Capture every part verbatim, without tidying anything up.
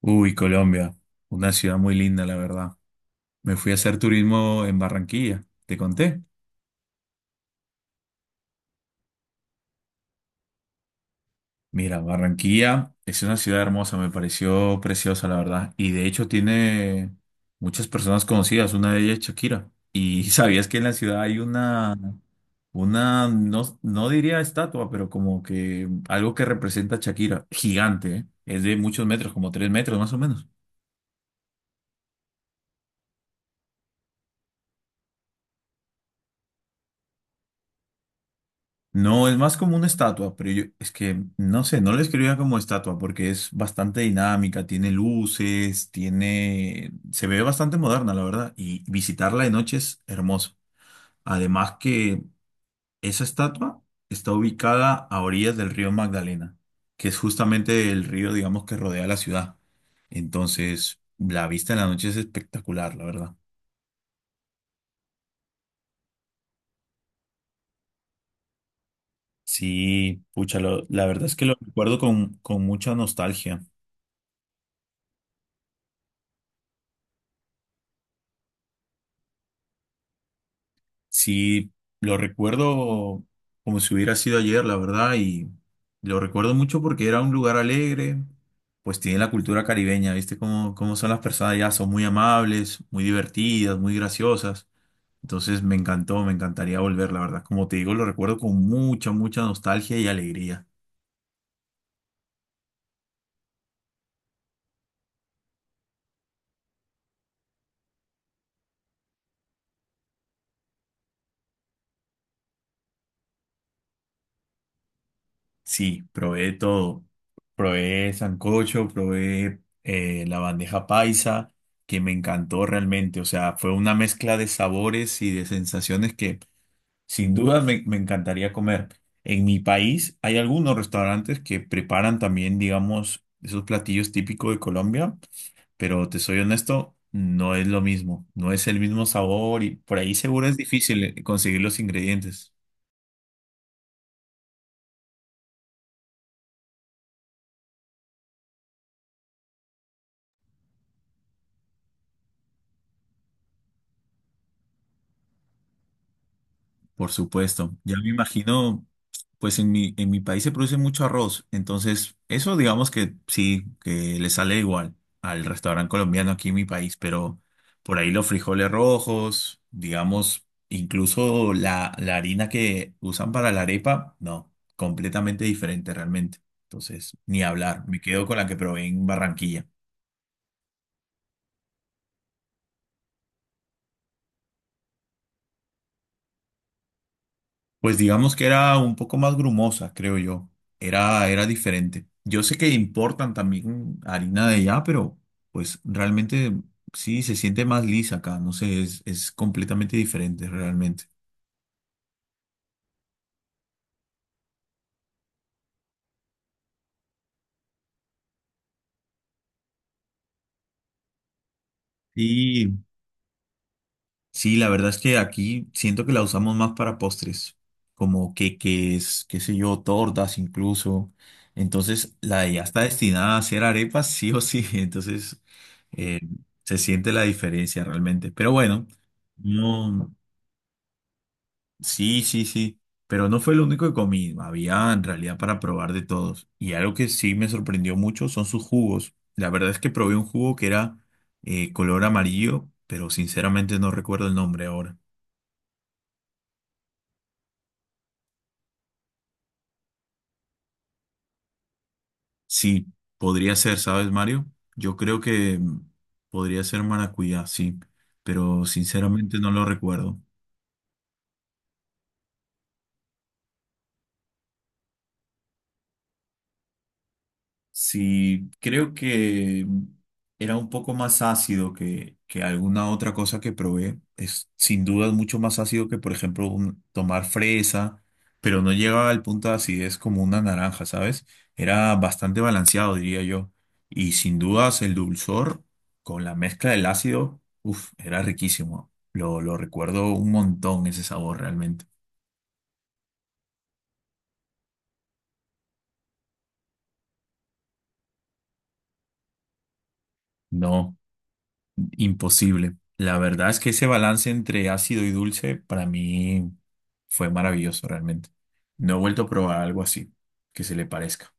Uy, Colombia, una ciudad muy linda, la verdad. Me fui a hacer turismo en Barranquilla, te conté. Mira, Barranquilla es una ciudad hermosa, me pareció preciosa, la verdad. Y de hecho tiene muchas personas conocidas, una de ellas es Shakira. Y sabías que en la ciudad hay una, una, no, no diría estatua, pero como que algo que representa a Shakira, gigante, ¿eh? Es de muchos metros, como tres metros más o menos. No, es más como una estatua, pero yo es que no sé, no la escribía como estatua porque es bastante dinámica, tiene luces, tiene, se ve bastante moderna, la verdad, y visitarla de noche es hermoso. Además que esa estatua está ubicada a orillas del río Magdalena, que es justamente el río, digamos, que rodea la ciudad. Entonces, la vista en la noche es espectacular, la verdad. Sí, pucha, lo- la verdad es que lo recuerdo con, con mucha nostalgia. Sí, lo recuerdo como si hubiera sido ayer, la verdad, y lo recuerdo mucho porque era un lugar alegre, pues tiene la cultura caribeña, ¿viste? Cómo, cómo son las personas allá, son muy amables, muy divertidas, muy graciosas. Entonces me encantó, me encantaría volver, la verdad. Como te digo, lo recuerdo con mucha, mucha nostalgia y alegría. Sí, probé de todo. Probé sancocho, probé eh, la bandeja paisa, que me encantó realmente. O sea, fue una mezcla de sabores y de sensaciones que sin duda me, me encantaría comer. En mi país hay algunos restaurantes que preparan también, digamos, esos platillos típicos de Colombia, pero te soy honesto, no es lo mismo. No es el mismo sabor y por ahí seguro es difícil eh, conseguir los ingredientes. Por supuesto. Ya me imagino, pues en mi, en mi país se produce mucho arroz, entonces eso digamos que sí, que le sale igual al restaurante colombiano aquí en mi país, pero por ahí los frijoles rojos, digamos, incluso la, la harina que usan para la arepa, no, completamente diferente realmente. Entonces, ni hablar, me quedo con la que probé en Barranquilla. Pues digamos que era un poco más grumosa, creo yo. Era, era diferente. Yo sé que importan también harina de allá, pero pues realmente sí se siente más lisa acá. No sé, es, es completamente diferente realmente. Sí. Sí, la verdad es que aquí siento que la usamos más para postres, como queques, qué sé yo, tortas incluso. Entonces, la de ya está destinada a hacer arepas, sí o sí. Entonces, eh, se siente la diferencia realmente. Pero bueno, no, sí, sí, sí. Pero no fue lo único que comí. Había en realidad para probar de todos. Y algo que sí me sorprendió mucho son sus jugos. La verdad es que probé un jugo que era eh, color amarillo, pero sinceramente no recuerdo el nombre ahora. Sí, podría ser, ¿sabes, Mario? Yo creo que mm, podría ser maracuyá, sí, pero sinceramente no lo recuerdo. Sí, creo que era un poco más ácido que, que alguna otra cosa que probé. Es sin duda mucho más ácido que, por ejemplo, un- tomar fresa, pero no llegaba al punto de acidez como una naranja, ¿sabes? Era bastante balanceado, diría yo. Y sin dudas el dulzor con la mezcla del ácido, uff, era riquísimo. Lo, lo recuerdo un montón ese sabor realmente. No. Imposible. La verdad es que ese balance entre ácido y dulce para mí fue maravilloso realmente. No he vuelto a probar algo así que se le parezca.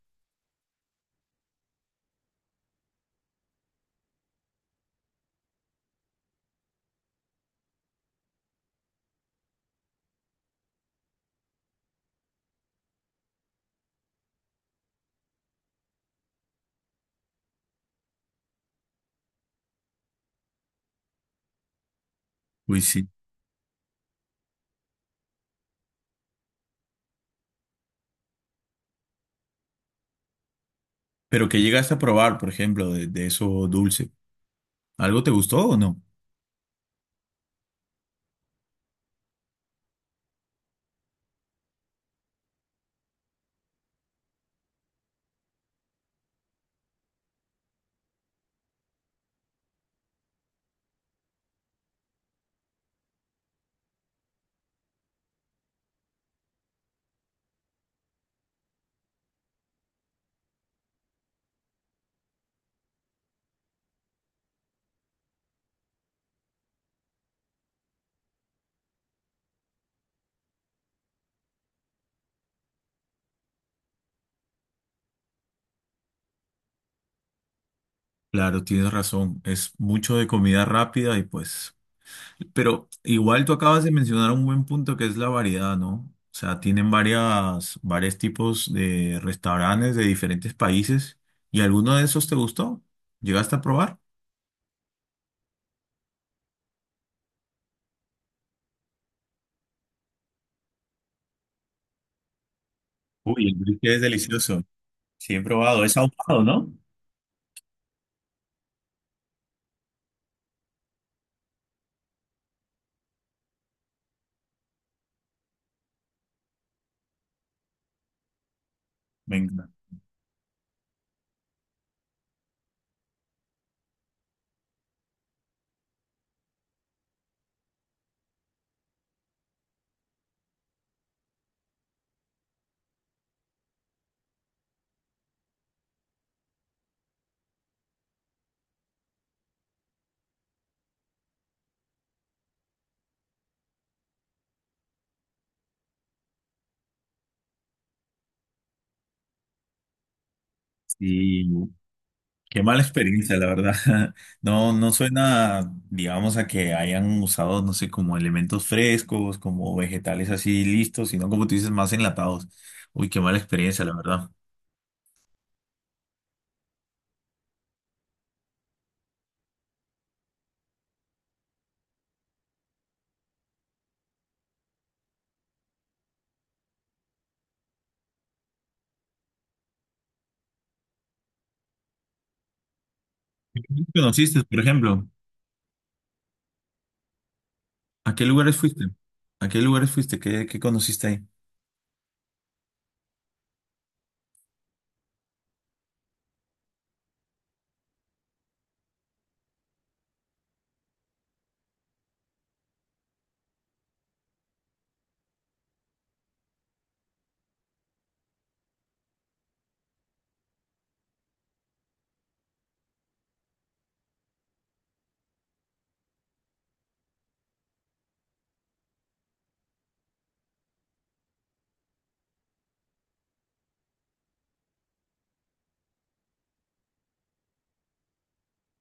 Uy, sí. ¿Pero que llegaste a probar, por ejemplo, de, de eso dulce? ¿Algo te gustó o no? Claro, tienes razón. Es mucho de comida rápida y pues, pero igual tú acabas de mencionar un buen punto que es la variedad, ¿no? O sea, tienen varias, varios tipos de restaurantes de diferentes países. ¿Y alguno de esos te gustó? ¿Llegaste a probar? Uy, el brisket es delicioso. Sí, he probado. Es ahumado, ¿no? Venga. Sí, qué mala experiencia, la verdad. No, no suena, digamos, a que hayan usado, no sé, como elementos frescos, como vegetales así listos, sino como tú dices, más enlatados. Uy, qué mala experiencia, la verdad. ¿Qué conociste, por ejemplo? ¿A qué lugares fuiste? ¿A qué lugares fuiste? ¿Qué, qué conociste ahí?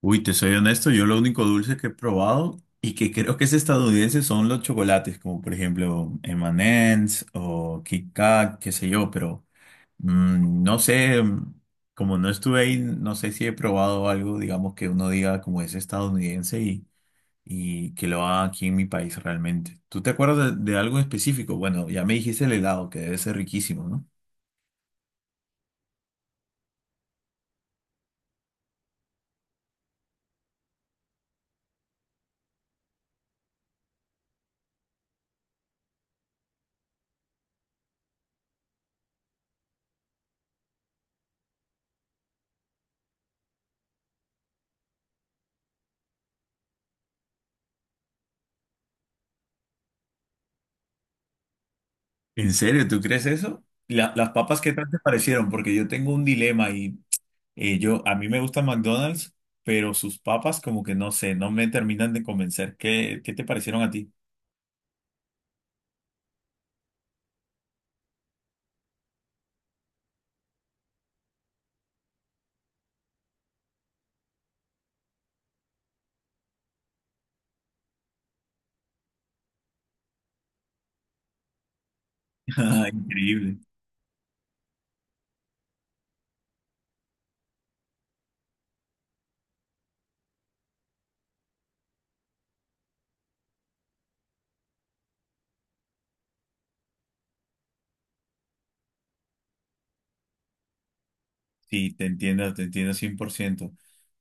Uy, te soy honesto, yo lo único dulce que he probado y que creo que es estadounidense son los chocolates, como por ejemplo eme y eme's o Kit Kat, qué sé yo, pero mm, no sé, mm, como no estuve ahí, no sé si he probado algo, digamos, que uno diga como es estadounidense y, y que lo haga aquí en mi país realmente. ¿Tú te acuerdas de, de algo específico? Bueno, ya me dijiste el helado, que debe ser riquísimo, ¿no? ¿En serio? ¿Tú crees eso? La- ¿Las papas qué tal te parecieron? Porque yo tengo un dilema y eh, yo, a mí me gusta McDonald's, pero sus papas como que no sé, no me terminan de convencer. ¿Qué, qué te parecieron a ti? Ah, increíble. Sí, te entiendo, te entiendo cien por ciento.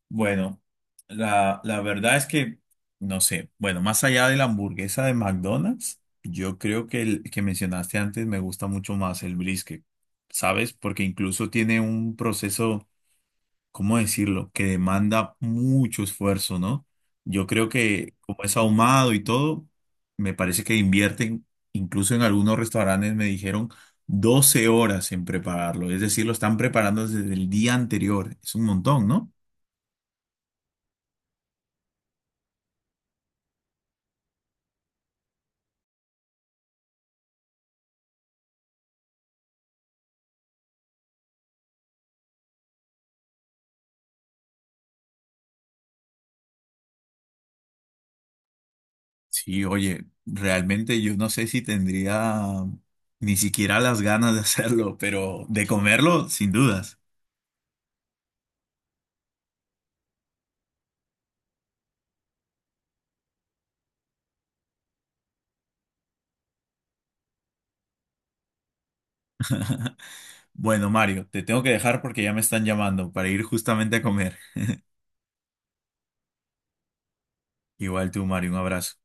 Bueno, la, la verdad es que, no sé, bueno, más allá de la hamburguesa de McDonald's, yo creo que el que mencionaste antes, me gusta mucho más el brisket, ¿sabes? Porque incluso tiene un proceso, ¿cómo decirlo? Que demanda mucho esfuerzo, ¿no? Yo creo que como es ahumado y todo, me parece que invierten, incluso en algunos restaurantes me dijeron doce horas en prepararlo, es decir, lo están preparando desde el día anterior, es un montón, ¿no? Sí, oye, realmente yo no sé si tendría ni siquiera las ganas de hacerlo, pero de comerlo, sin dudas. Bueno, Mario, te tengo que dejar porque ya me están llamando para ir justamente a comer. Igual tú, Mario, un abrazo.